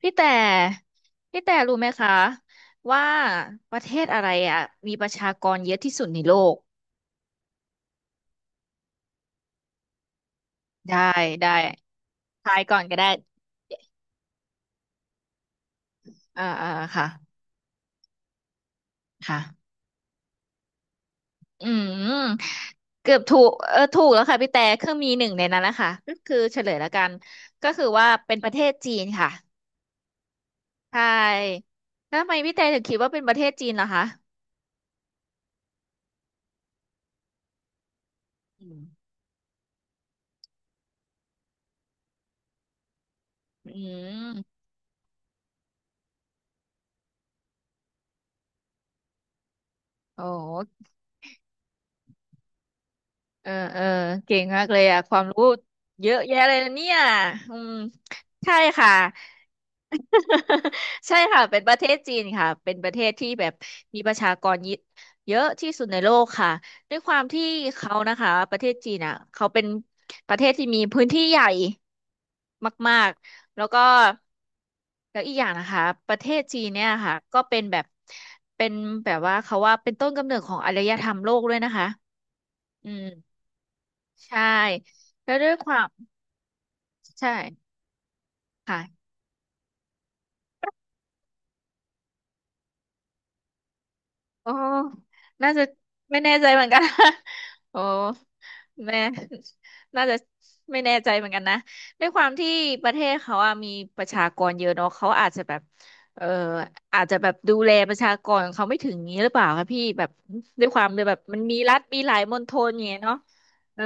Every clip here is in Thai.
พี่แต่รู้ไหมคะว่าประเทศอะไรอ่ะมีประชากรเยอะที่สุดในโลกได้ได้ทายก่อนก็ได้อ่าอ่าค่ะค่ะอืมเกือบถูกเออถูกแล้วค่ะพี่แต่คือมีหนึ่งในนั้นนะคะก็คือเฉลยแล้วกันก็คือว่าเป็นประเทศจีนค่ะใช่แล้วทำไมพี่แต่ถึงคิดว่าเป็นประเทศจีนล่ะคะอืมอืมโอ้ เออเก่งมากเลยอ่ะความรู้เยอะแยะเลยนะเนี่ยอืมใช่ค่ะ ใช่ค่ะ เป็นประเทศจีนค่ะเป็นประเทศที่แบบมีประชากรเยอะเยอะที่สุดในโลกค่ะด้วยความที่เขานะคะประเทศจีนอ่ะเขาเป็นประเทศที่มีพื้นที่ใหญ่มากๆแล้วก็แล้วอีกอย่างนะคะประเทศจีนเนี่ยค่ะก็เป็นแบบเป็นว่าเขาว่าเป็นต้นกำเนิดของอารยธรรมโลกด้วยนะคะอืม ใช่แล้วด้วยความใช่ค่ะโอ้น่าจะไม่แน่ใจเหมือนกัน โอ้แม่ น่าจะไม่แน่ใจเหมือนกันนะด้วยความที่ประเทศเขาอะมีประชากรเยอะเนาะเขาอาจจะแบบเอออาจจะแบบดูแลประชากรของเขาไม่ถึงนี้หรือเปล่าคะพี่แบบด้วยความเลยแบบมันมีรัฐมีหลายมณฑลอย่างเงี้ยเนาะเออ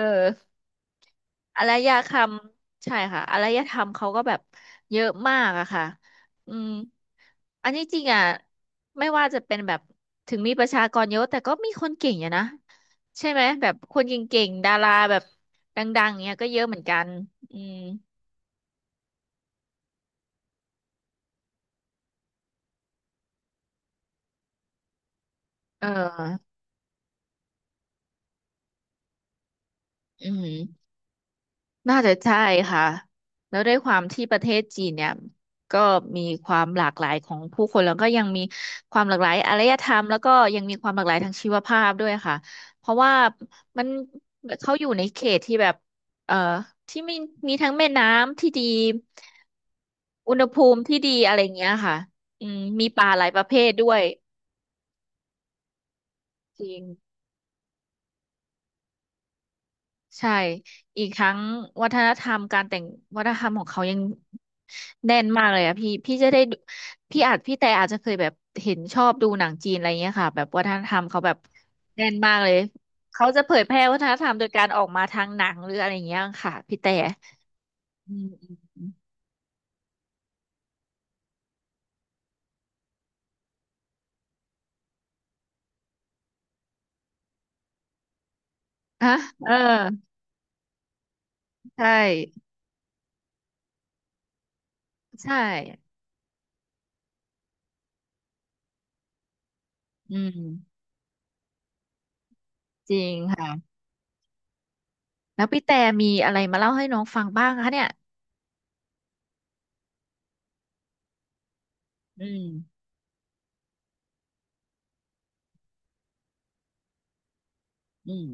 อารยธรรมใช่ค่ะอารยธรรมเขาก็แบบเยอะมากอะค่ะอืมอันนี้จริงอะไม่ว่าจะเป็นแบบถึงมีประชากรเยอะแต่ก็มีคนเก่งอยู่นะใช่ไหมแบบคนเก่งๆดาราแบบดังๆเนี้ยก็เยอะเหมือนกันอืมเอออืม น่าจะใช่ค่ะแล้วด้วยความที่ประเทศจีนเนี่ยก็มีความหลากหลายของผู้คนแล้วก็ยังมีความหลากหลายอารยธรรมแล้วก็ยังมีความหลากหลายทางชีวภาพด้วยค่ะเพราะว่ามันเขาอยู่ในเขตที่แบบเอ่อที่มีทั้งแม่น้ำที่ดีอุณหภูมิที่ดีอะไรเงี้ยค่ะอืมมีปลาหลายประเภทด้วยจริง ใช่อีกทั้งวัฒนธรรมการแต่งวัฒนธรรมของเขายังแน่นมากเลยอะพี่จะได้ดูพี่แต่อาจจะเคยแบบเห็นชอบดูหนังจีนอะไรเงี้ยค่ะแบบวัฒนธรรมเขาแบบแน่นมากเลยเขาจะเผยแพร่วัฒนธรรมโดยการออกมาทางหนังหรืออะไรเงี้ยค่ะพี่แต่อืมฮะเออใช่ใช่อืมจริงค่ะแล้วพี่แต่มีอะไรมาเล่าให้น้องฟังบ้างคะเนี่ยอืมอืม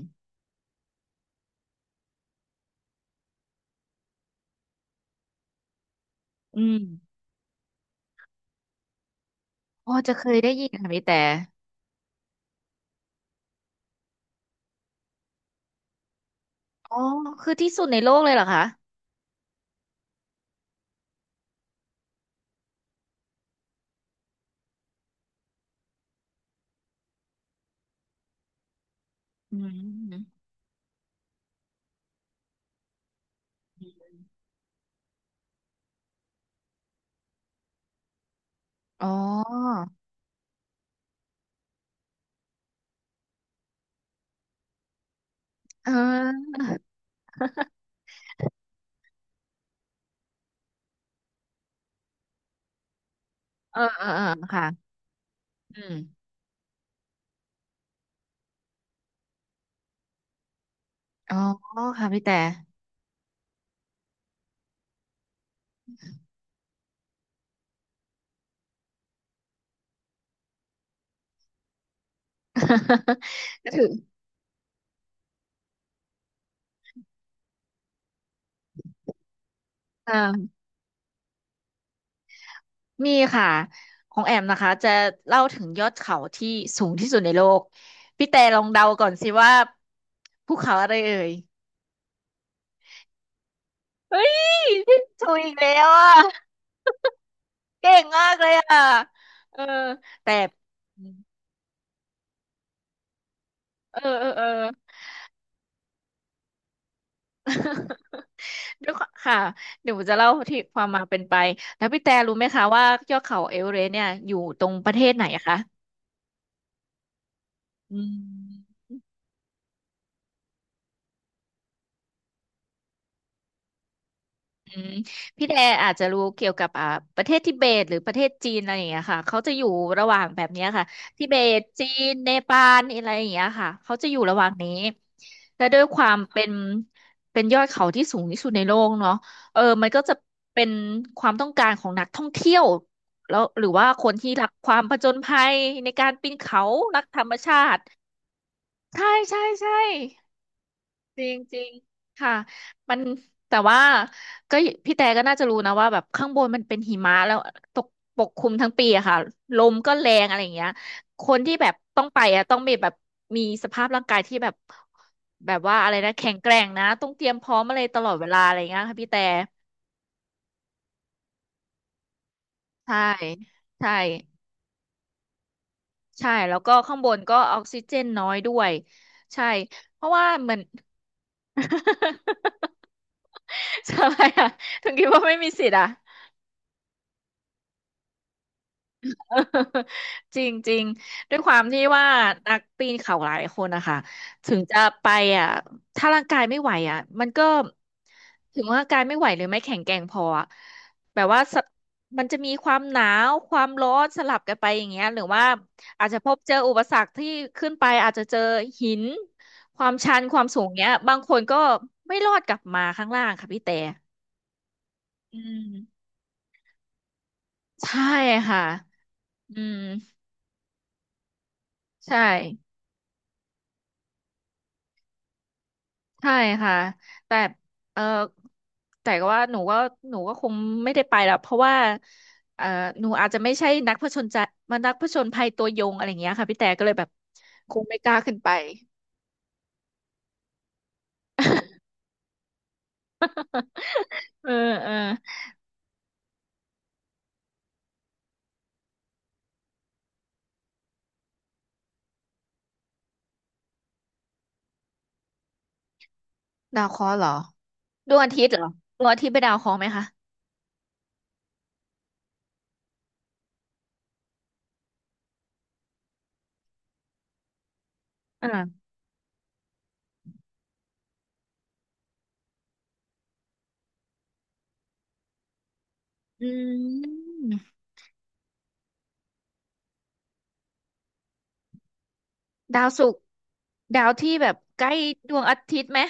อืมอ๋อจะเคยได้ยินค่ะพี่แต่ อ๋อคือที่สุดในโลกเลยเหรอคะอืมอ๋อเออเออเออค่ะอืมอ๋อค่ะพี่แต่ ก็ถืออ่ามีค่ะของแอมนะคะจะเล่าถึงยอดเขาที่สูงที่สุดในโลกพี่แต่ลองเดาก่อนสิว่าภูเขาอะไรเอ่ยเฮ้ยพี่ถูกอีกแล้วอ่ะเก่งมากเลยอ่ะเออแต่เออ ด้วยความค่ะเดี๋ยวผมจะเล่าที่ความมาเป็นไปแล้วพี่แต่รู้ไหมคะว่ายอดเขาเอเวอเรสต์เนี่ยอยู่ตรงประเทศไหนอะคะอืม อืมพี่แดอาจจะรู้เกี่ยวกับประเทศทิเบตหรือประเทศจีนอะไรอย่างเงี้ยค่ะเขาจะอยู่ระหว่างแบบเนี้ยค่ะทิเบตจีนเนปาลอะไรอย่างเงี้ยค่ะเขาจะอยู่ระหว่างนี้แต่ด้วยความเป็นยอดเขาที่สูงที่สุดในโลกเนาะเออมันก็จะเป็นความต้องการของนักท่องเที่ยวแล้วหรือว่าคนที่รักความผจญภัยในการปีนเขารักธรรมชาติใช่ใช่ใช่ จริงจริงค่ะมันแต่ว่าก็พี่แต่ก็น่าจะรู้นะว่าแบบข้างบนมันเป็นหิมะแล้วตกปกคลุมทั้งปีอะค่ะลมก็แรงอะไรอย่างเงี้ยคนที่แบบต้องไปอะต้องมีแบบสภาพร่างกายที่แบบแบบว่าอะไรนะแข็งแกร่งนะต้องเตรียมพร้อมอะไรตลอดเวลาอะไรอย่างเงี้ยค่ะพี่แต่ใช่ใช่ใช่แล้วก็ข้างบนก็ออกซิเจนน้อยด้วยใช่เพราะว่าเหมือน ใช่อะถึงคิดว่าไม่มีสิทธิ์อะ จริงจริงด้วยความที่ว่านักปีนเขาหลายคนนะคะถึงจะไปอ่ะถ้าร่างกายไม่ไหวอ่ะมันก็ถึงว่าร่างกายไม่ไหวหรือไม่แข็งแกร่งพออะแบบว่าสะมันจะมีความหนาวความร้อนสลับกันไปอย่างเงี้ยหรือว่าอาจจะพบเจออุปสรรคที่ขึ้นไปอาจจะเจอหินความชันความสูงเงี้ยบางคนก็ไม่รอดกลับมาข้างล่างค่ะพี่แต่อืมใช่ค่ะอืมใช่ ใช่ค่ะแต่เออแต่ก็ว่าหนูก็คงไม่ได้ไปแล้วเพราะว่าเออหนูอาจจะไม่ใช่นักผจญใจมานักผจญภัยตัวยงอะไรอย่างเงี้ยค่ะพี่แต่ก็เลยแบบคงไม่กล้าขึ้นไปเออเออดาวเคราะห์เหรอดวงอาทิตย์เหรอดวงอาทิตย์เป็นดาวเคราะห์ไหมคะอ่าอืมดาวศุกร์ดาวที่แบบใกล้ดวงอาทิตย์ไหม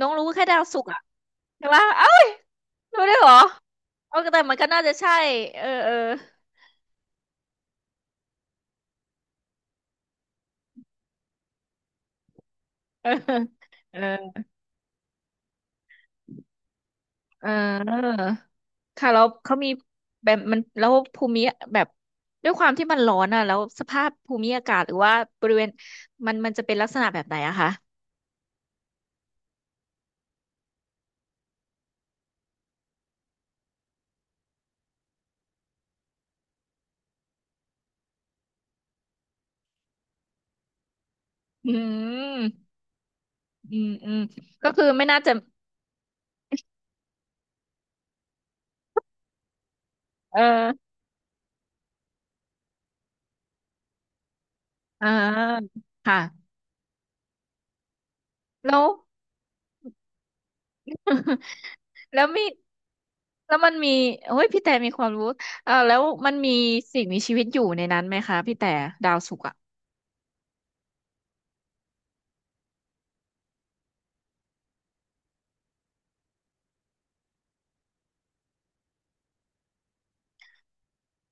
น้องรู้แค่ดาวศุกร์อะ ใช่ปะเอ้ยรู้ได้วยเหรอแต่มันก็น่าจะใช่เออเออเออเออเออค่ะแล้วเขามีแบบมันแล้วภูมิแบบด้วยความที่มันร้อนอ่ะแล้วสภาพภูมิอากาศหรือว่าบริเวณมันจะเป็นลักษณะแบบไหนอะคะอืมอืมอืมก็คือไม่น่าจะเอออ่าค่ะแล้ว แล้วมีแล้วมันมีโอ้ยพี่แต่มีความรู้แล้วมันมีสิ่งมีชีวิตอยู่ในนั้นไหมคะพี่แต่ดาวศุกร์อ่ะ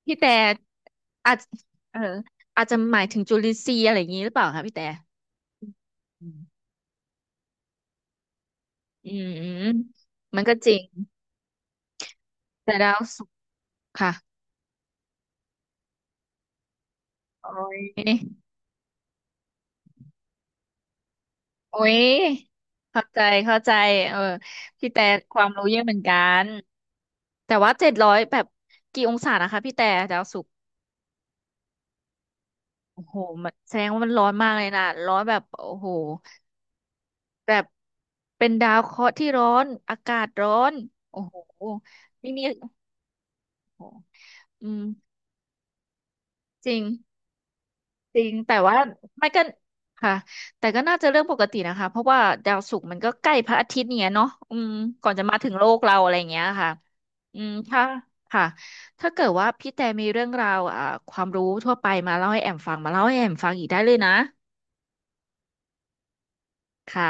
พี่แต่อาจเอออาจจะหมายถึงจุลินทรีย์อะไรอย่างนี้หรือเปล่าคะพี่แต่อืมอืมอืมมันก็จริงแต่ดาวศุกร์ค่ะโอ้ยโอ้ยเข้าใจเข้าใจเออพี่แต่ความรู้เยอะเหมือนกันแต่ว่า700แบบกี่องศานะคะพี่แต่ดาวศุกร์ โอ้โหมันแสดงว่ามันร้อนมากเลยนะ ร้อนแบบโอ้โหแบบเป็นดาวเคราะห์ที่ร้อน อากาศร้อนโอ้โหไม่มีโอ้โหอืมจริงจริง แต่ว่ามันก็ค่ะแต่ก็น่าจะเรื่องปกตินะคะ เพราะว่าดาวศุกร์มันก็ใกล้พระอาทิตย์เนี่ยเนาะอืมก่อนจะมาถึงโลกเราอะไรอย่างเงี้ยค่ะอืมถ้าค่ะถ้าเกิดว่าพี่แต่มีเรื่องราวความรู้ทั่วไปมาเล่าให้แอมฟัง มาเล่าให้แอมฟังอีกได้เลยนะค่ะ